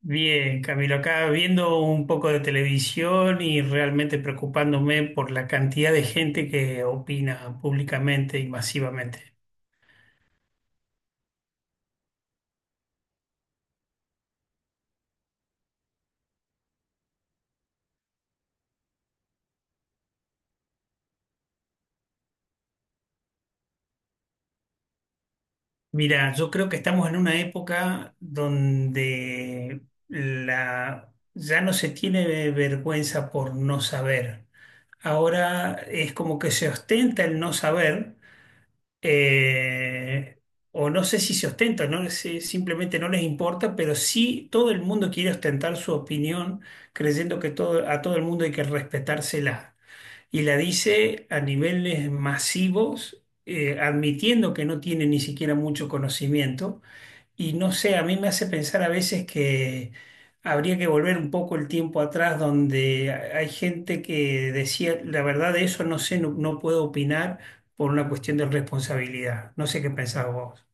Bien, Camilo, acá viendo un poco de televisión y realmente preocupándome por la cantidad de gente que opina públicamente y masivamente. Mira, yo creo que estamos en una época donde ya no se tiene vergüenza por no saber. Ahora es como que se ostenta el no saber eh, o no sé si se ostenta, no sé, simplemente no les importa, pero sí todo el mundo quiere ostentar su opinión, creyendo que a todo el mundo hay que respetársela. Y la dice a niveles masivos, admitiendo que no tiene ni siquiera mucho conocimiento y no sé, a mí me hace pensar a veces que habría que volver un poco el tiempo atrás donde hay gente que decía, la verdad de eso no sé, no puedo opinar por una cuestión de responsabilidad. No sé qué pensás vos.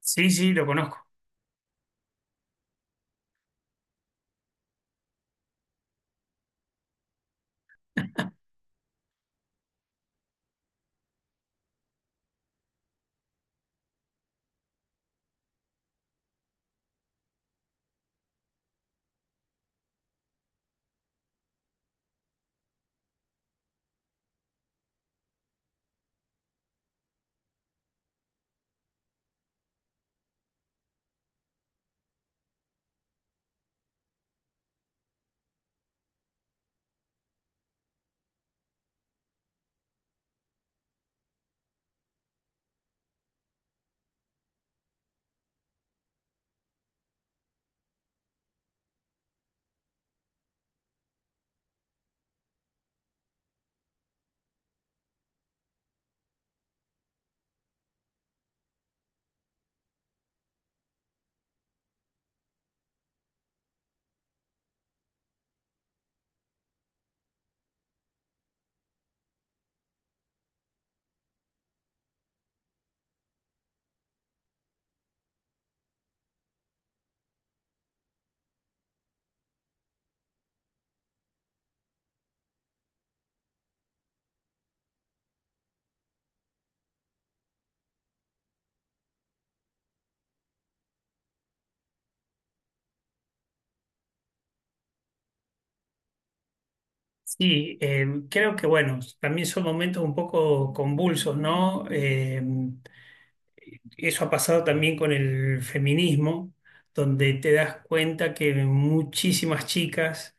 Sí, sí, lo conozco. Sí, creo que bueno, también son momentos un poco convulsos, ¿no? Eso ha pasado también con el feminismo, donde te das cuenta que muchísimas chicas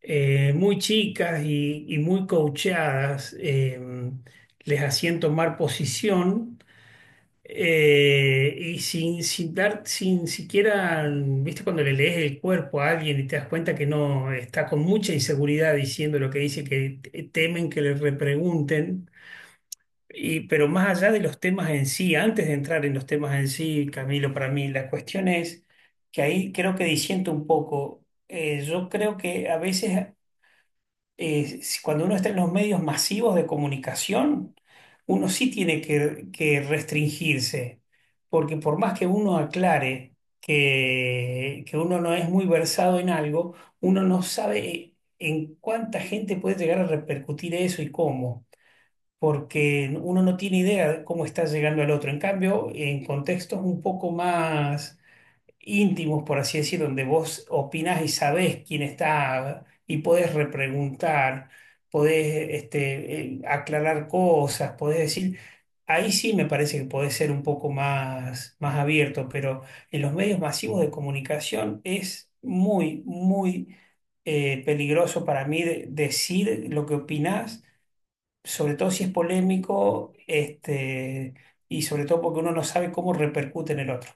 muy chicas y muy coacheadas, les hacían tomar posición y sin dar, sin siquiera, viste, cuando le lees el cuerpo a alguien y te das cuenta que no está con mucha inseguridad diciendo lo que dice, que temen que le repregunten. Y, pero más allá de los temas en sí, antes de entrar en los temas en sí, Camilo, para mí la cuestión es que ahí creo que disiento un poco. Yo creo que a veces cuando uno está en los medios masivos de comunicación, uno sí tiene que restringirse, porque por más que uno aclare que uno no es muy versado en algo, uno no sabe en cuánta gente puede llegar a repercutir eso y cómo, porque uno no tiene idea de cómo está llegando al otro. En cambio, en contextos un poco más íntimos, por así decir, donde vos opinás y sabés quién está y podés repreguntar, podés aclarar cosas, podés decir, ahí sí me parece que podés ser un poco más, más abierto, pero en los medios masivos de comunicación es muy peligroso para mí decir lo que opinás, sobre todo si es polémico, y sobre todo porque uno no sabe cómo repercute en el otro.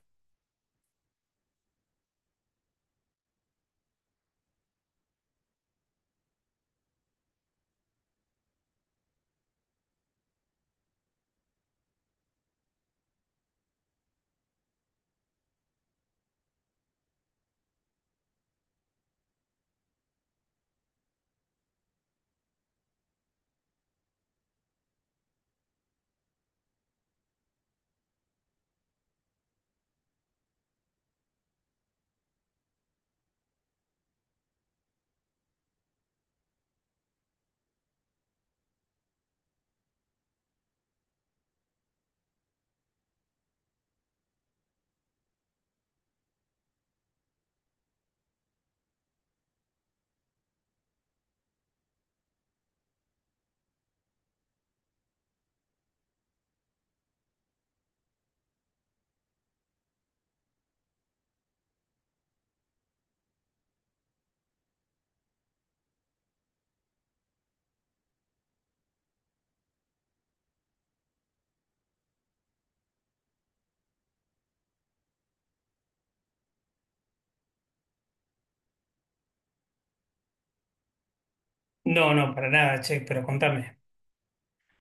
No, no, para nada, che, pero contame.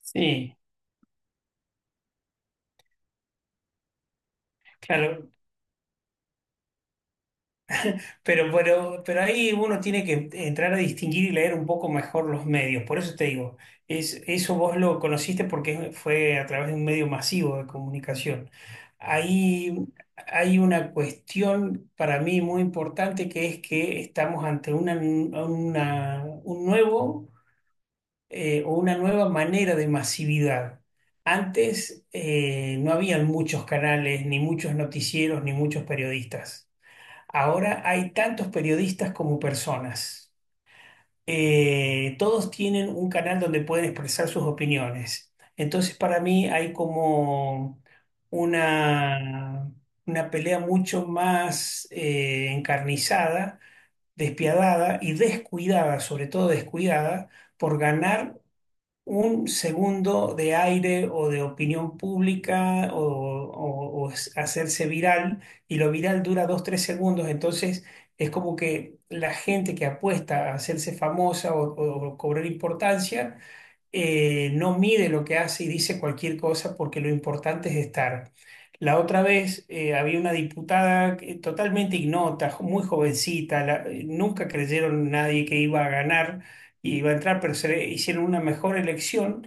Sí, claro, pero ahí uno tiene que entrar a distinguir y leer un poco mejor los medios. Por eso te digo, es, eso vos lo conociste porque fue a través de un medio masivo de comunicación. Ahí hay una cuestión para mí muy importante que es que estamos ante un nuevo o una nueva manera de masividad. Antes no habían muchos canales, ni muchos noticieros, ni muchos periodistas. Ahora hay tantos periodistas como personas. Todos tienen un canal donde pueden expresar sus opiniones. Entonces, para mí hay como una, una pelea mucho más encarnizada, despiadada y descuidada, sobre todo descuidada, por ganar un segundo de aire o de opinión pública hacerse viral y lo viral dura dos, tres segundos, entonces es como que la gente que apuesta a hacerse famosa o cobrar importancia no mide lo que hace y dice cualquier cosa porque lo importante es estar. La otra vez había una diputada totalmente ignota, muy jovencita, nunca creyeron nadie que iba a ganar y iba a entrar, pero hicieron una mejor elección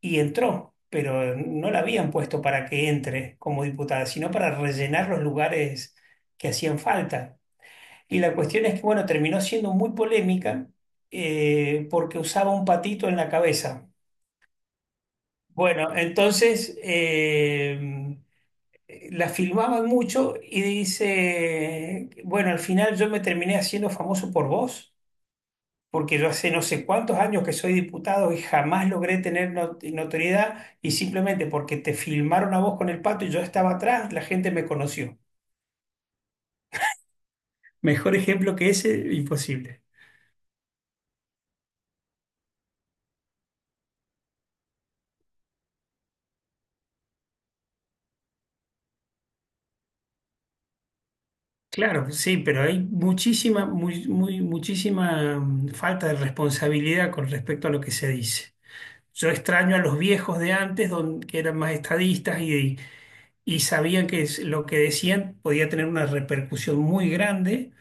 y entró, pero no la habían puesto para que entre como diputada, sino para rellenar los lugares que hacían falta. Y la cuestión es que, bueno, terminó siendo muy polémica porque usaba un patito en la cabeza. Bueno, entonces la filmaban mucho y dice, bueno, al final yo me terminé haciendo famoso por vos, porque yo hace no sé cuántos años que soy diputado y jamás logré tener notoriedad y simplemente porque te filmaron a vos con el pato y yo estaba atrás, la gente me conoció. Mejor ejemplo que ese, imposible. Claro, sí, pero hay muchísima, muchísima falta de responsabilidad con respecto a lo que se dice. Yo extraño a los viejos de antes, que eran más estadistas y sabían que lo que decían podía tener una repercusión muy grande.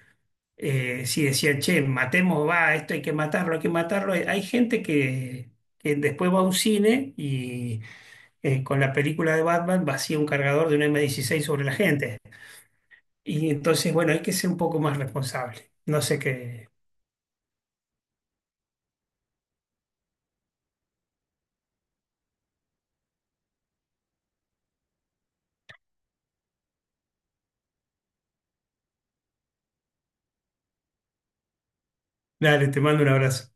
Si decían, che, matemos, va, esto hay que matarlo, hay que matarlo. Hay gente que después va a un cine y con la película de Batman vacía un cargador de un M16 sobre la gente. Y entonces, bueno, hay que ser un poco más responsable. No sé qué. Dale, te mando un abrazo.